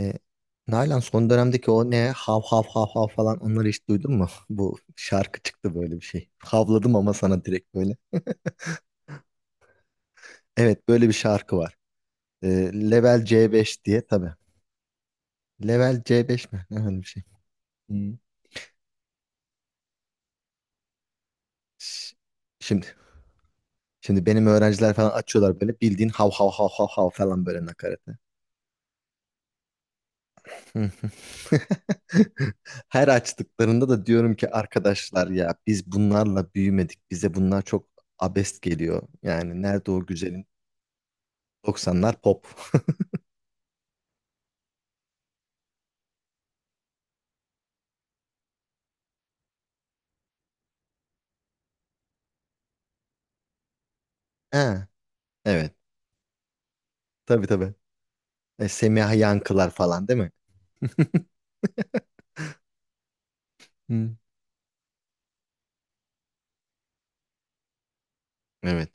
E, Nalan son dönemdeki o ne hav hav hav hav falan onları hiç duydun mu? Bu şarkı çıktı böyle bir şey. Havladım ama sana direkt böyle. Evet böyle bir şarkı var. E, Level C5 diye tabii. Level C5 mi? Ne öyle bir şey. Hmm. Ş- Şimdi şimdi benim öğrenciler falan açıyorlar böyle bildiğin hav hav hav hav hav falan böyle nakaratı. Hı hı. Her açtıklarında da diyorum ki arkadaşlar ya biz bunlarla büyümedik. Bize bunlar çok abest geliyor. Yani nerede o güzelin 90'lar pop. Ha, evet. Tabii tabii. Semiha Yankılar falan değil mi? Hı. Evet.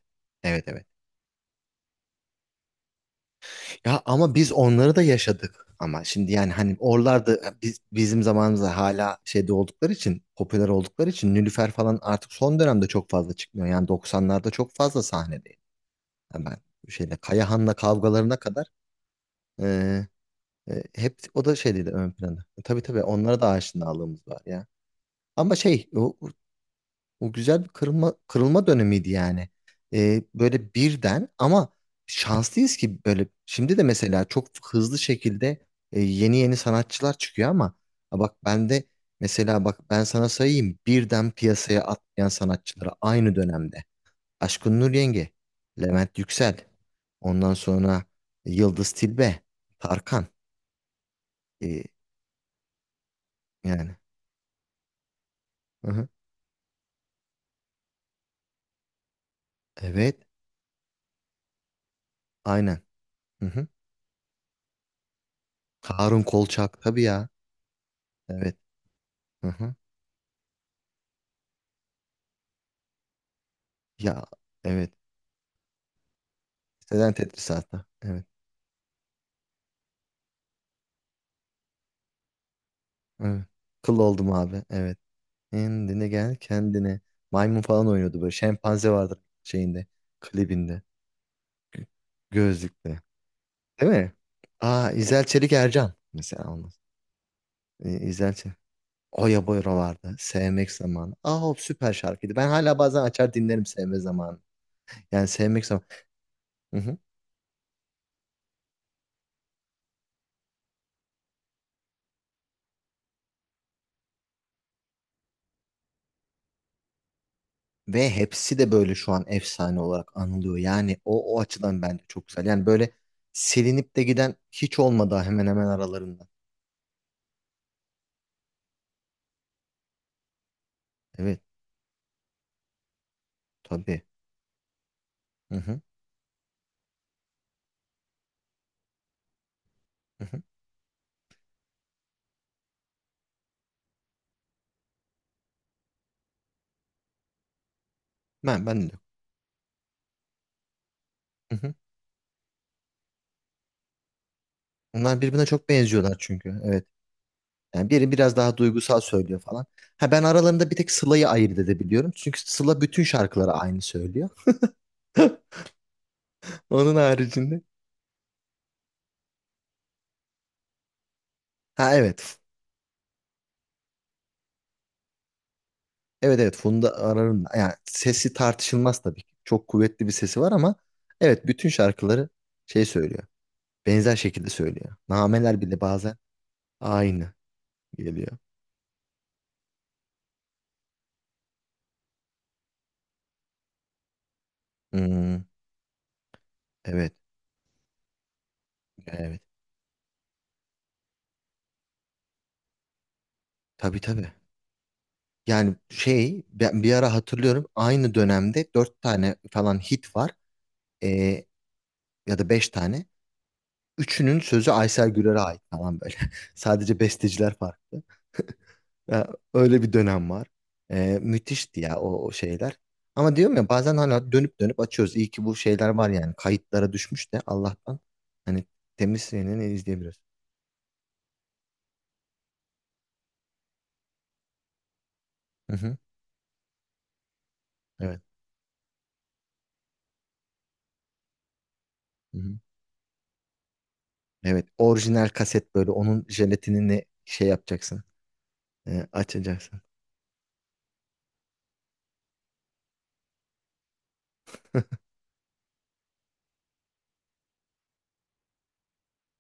Evet evet. Ya ama biz onları da yaşadık. Ama şimdi yani hani oralarda bizim zamanımızda hala şeyde oldukları için popüler oldukları için Nilüfer falan artık son dönemde çok fazla çıkmıyor. Yani 90'larda çok fazla sahnedeydi. Yani ben şeyde Kayahan'la kavgalarına kadar e, hep o da şeydi ön planda. Tabii tabii onlara da aşinalığımız var ya. Ama şey o. O güzel bir kırılma dönemiydi yani. Böyle birden ama şanslıyız ki böyle şimdi de mesela çok hızlı şekilde yeni yeni sanatçılar çıkıyor ama ha bak ben de mesela bak ben sana sayayım birden piyasaya atlayan sanatçıları aynı dönemde. Aşkın Nur Yenge, Levent Yüksel, ondan sonra Yıldız Tilbe, Tarkan. Ee, yani. Hı hı. Evet, aynen. Hı hı. Harun Kolçak tabii ya. Evet. Hı hı. Ya evet. Selen Tetris hatta. Evet. Evet. Kıl oldum abi. Evet. Kendine gel kendine. Maymun falan oynuyordu böyle. Şempanze vardır şeyinde. Klibinde. Gözlükte. Değil mi? Aa İzel Çelik Ercan. Mesela onun. İzel Çelik. Oya Boyra vardı. Sevmek zamanı. Aa o süper şarkıydı. Ben hala bazen açar dinlerim sevme zamanı. Yani sevmek zamanı. Ve hepsi de böyle şu an efsane olarak anılıyor. Yani o açıdan bence çok güzel. Yani böyle silinip de giden hiç olmadı hemen hemen aralarında. Evet tabii. Hı hı, hı hı. Ben de. Hı hı. Onlar birbirine çok benziyorlar çünkü. Evet. Yani biri biraz daha duygusal söylüyor falan. Ha ben aralarında bir tek Sıla'yı ayırt edebiliyorum. Çünkü Sıla bütün şarkıları aynı söylüyor. Onun haricinde. Ha evet. Evet evet Funda Arar'ın yani sesi tartışılmaz tabii ki. Çok kuvvetli bir sesi var ama evet bütün şarkıları şey söylüyor. Benzer şekilde söylüyor. Nameler bile bazen aynı geliyor. Hmm, evet evet. Tabii tabii. Yani şey ben bir ara hatırlıyorum aynı dönemde dört tane falan hit var. Ee, ya da beş tane. Üçünün sözü Aysel Gürer'e ait falan böyle. Sadece besteciler farklı. Ya, öyle bir dönem var. Müthişti ya o şeyler. Ama diyorum ya bazen hala dönüp dönüp açıyoruz. İyi ki bu şeyler var yani. Kayıtlara düşmüş de Allah'tan. Hani temiz sineğini izleyebiliyoruz. Hı hı. Evet. Hı hı. Evet. Orijinal kaset böyle. Onun jelatinini şey yapacaksın. Açacaksın.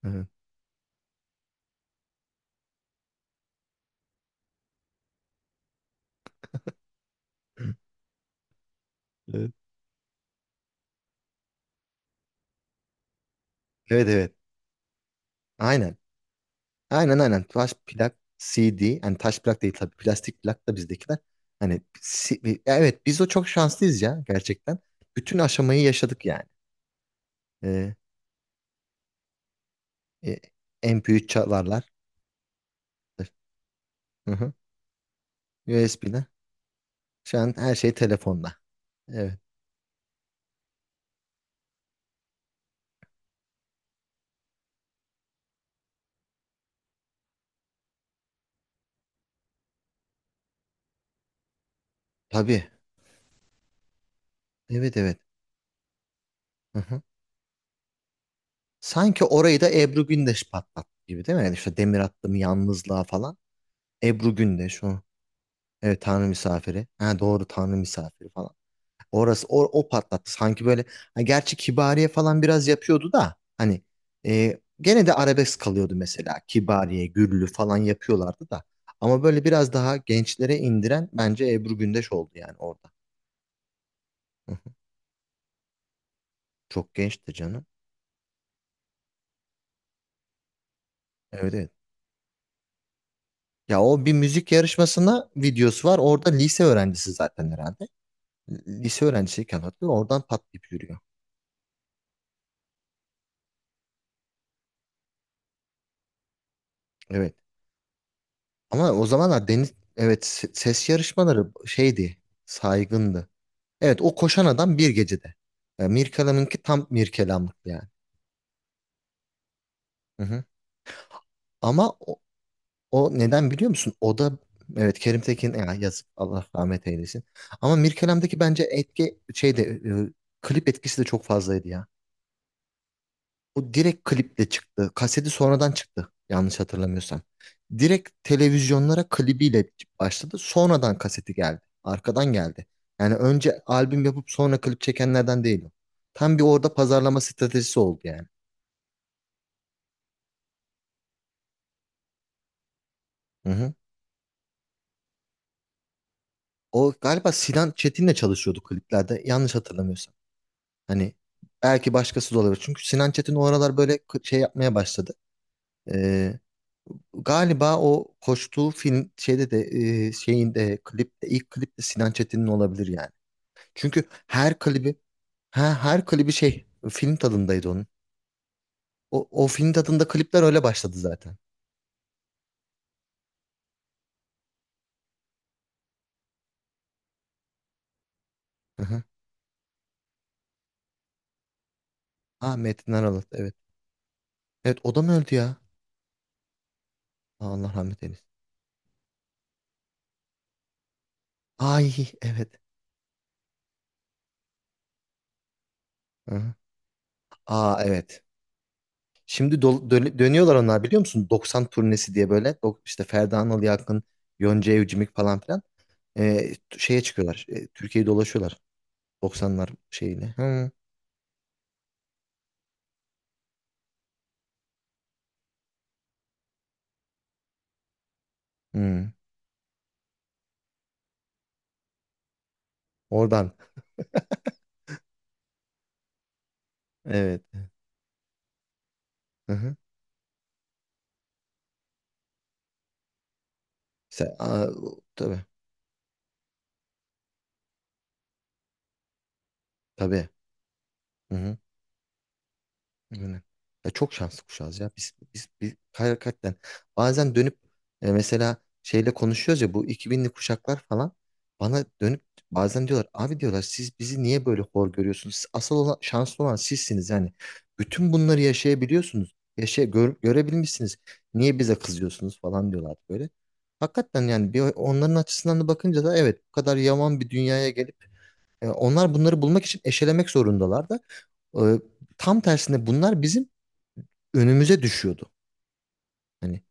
Evet. Evet. Evet evet. Aynen. Aynen aynen. Taş plak CD. Hani taş plak değil tabii. Plastik plak da bizdekiler. Hani evet biz o çok şanslıyız ya gerçekten. Bütün aşamayı yaşadık yani. Ee, e, MP3 çalarlar. Hı hı. USB'ler. Şu an her şey telefonda. Evet. Tabii. Evet evet. Hı hı. Sanki orayı da Ebru Gündeş patlattı gibi değil mi? Yani işte demir attım yalnızlığa falan. Ebru Gündeş o. Evet Tanrı misafiri. Ha doğru Tanrı misafiri. Orası o patlattı. Sanki böyle ha, gerçi Kibariye falan biraz yapıyordu da hani gene de arabesk kalıyordu mesela. Kibariye, Güllü falan yapıyorlardı da. Ama böyle biraz daha gençlere indiren bence Ebru Gündeş oldu yani orada. Hı hı. Çok gençti canım. Evet evet. Ya o bir müzik yarışmasına videosu var. Orada lise öğrencisi zaten herhalde. Lise öğrencisiyken hatırlıyorum. Oradan patlayıp yürüyor. Evet. Ama o zamanlar deniz evet ses yarışmaları şeydi. Saygındı. Evet o koşan adam bir gecede. Mirkelam'ınki tam Mirkelamlık yani. Hı hı. Ama o neden biliyor musun? O da evet Kerim Tekin ya yazık Allah rahmet eylesin. Ama Mirkelam'daki bence etki şeyde klip etkisi de çok fazlaydı ya. O direkt kliple çıktı. Kaseti sonradan çıktı yanlış hatırlamıyorsam. Direkt televizyonlara klibiyle başladı. Sonradan kaseti geldi. Arkadan geldi. Yani önce albüm yapıp sonra klip çekenlerden değil o. Tam bir orada pazarlama stratejisi oldu yani. Hı hı. O galiba Sinan Çetin'le çalışıyordu kliplerde. Yanlış hatırlamıyorsam. Hani belki başkası da olabilir. Çünkü Sinan Çetin o aralar böyle şey yapmaya başladı. Ee, galiba o koştuğu film şeyde de şeyinde klipte ilk klip de Sinan Çetin'in olabilir yani. Çünkü her klibi şey film tadındaydı onun. O film tadında klipler öyle başladı zaten. Hı hı. Ha Metin Aralat evet. Evet o da mı öldü ya? Allah rahmet eylesin. Ay evet. Hı hı. Aa evet. Şimdi dönüyorlar onlar biliyor musun? 90 turnesi diye böyle işte Ferda Anıl Yakın, Yonca Evcimik falan filan şeye çıkıyorlar. Türkiye'yi dolaşıyorlar doksanlar şeyini. Hı, hı. Oradan. Evet. Hı hı. Aa, tabii. Tabii. Hı hı. Yani. Ya çok şanslı kuşağız ya. Biz hakikaten bazen dönüp mesela şeyle konuşuyoruz ya bu 2000'li kuşaklar falan bana dönüp bazen diyorlar abi diyorlar siz bizi niye böyle hor görüyorsunuz? Siz asıl olan, şanslı olan sizsiniz yani. Bütün bunları yaşayabiliyorsunuz. Yaşa, görebilmişsiniz. Niye bize kızıyorsunuz falan diyorlar böyle. Hakikaten yani bir onların açısından da bakınca da evet bu kadar yaman bir dünyaya gelip onlar bunları bulmak için eşelemek zorundalar da e, tam tersine bunlar bizim önümüze düşüyordu. Hani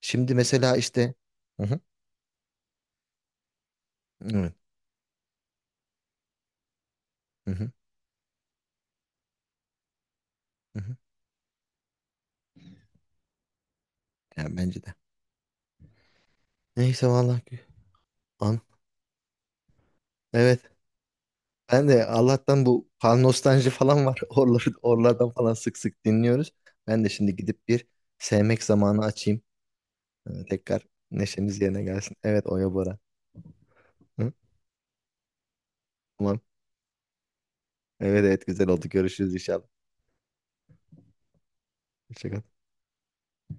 şimdi mesela işte hı hı, evet, hı hı, hı hı. Yani bence de. Neyse vallahi an evet ben de Allah'tan bu pan nostalji falan var. Oralardan falan sık sık dinliyoruz. Ben de şimdi gidip bir sevmek zamanı açayım. Tekrar neşemiz yerine gelsin. Evet Oya Bora. Hı? Tamam. Evet evet güzel oldu. Görüşürüz inşallah. Hoşça kal.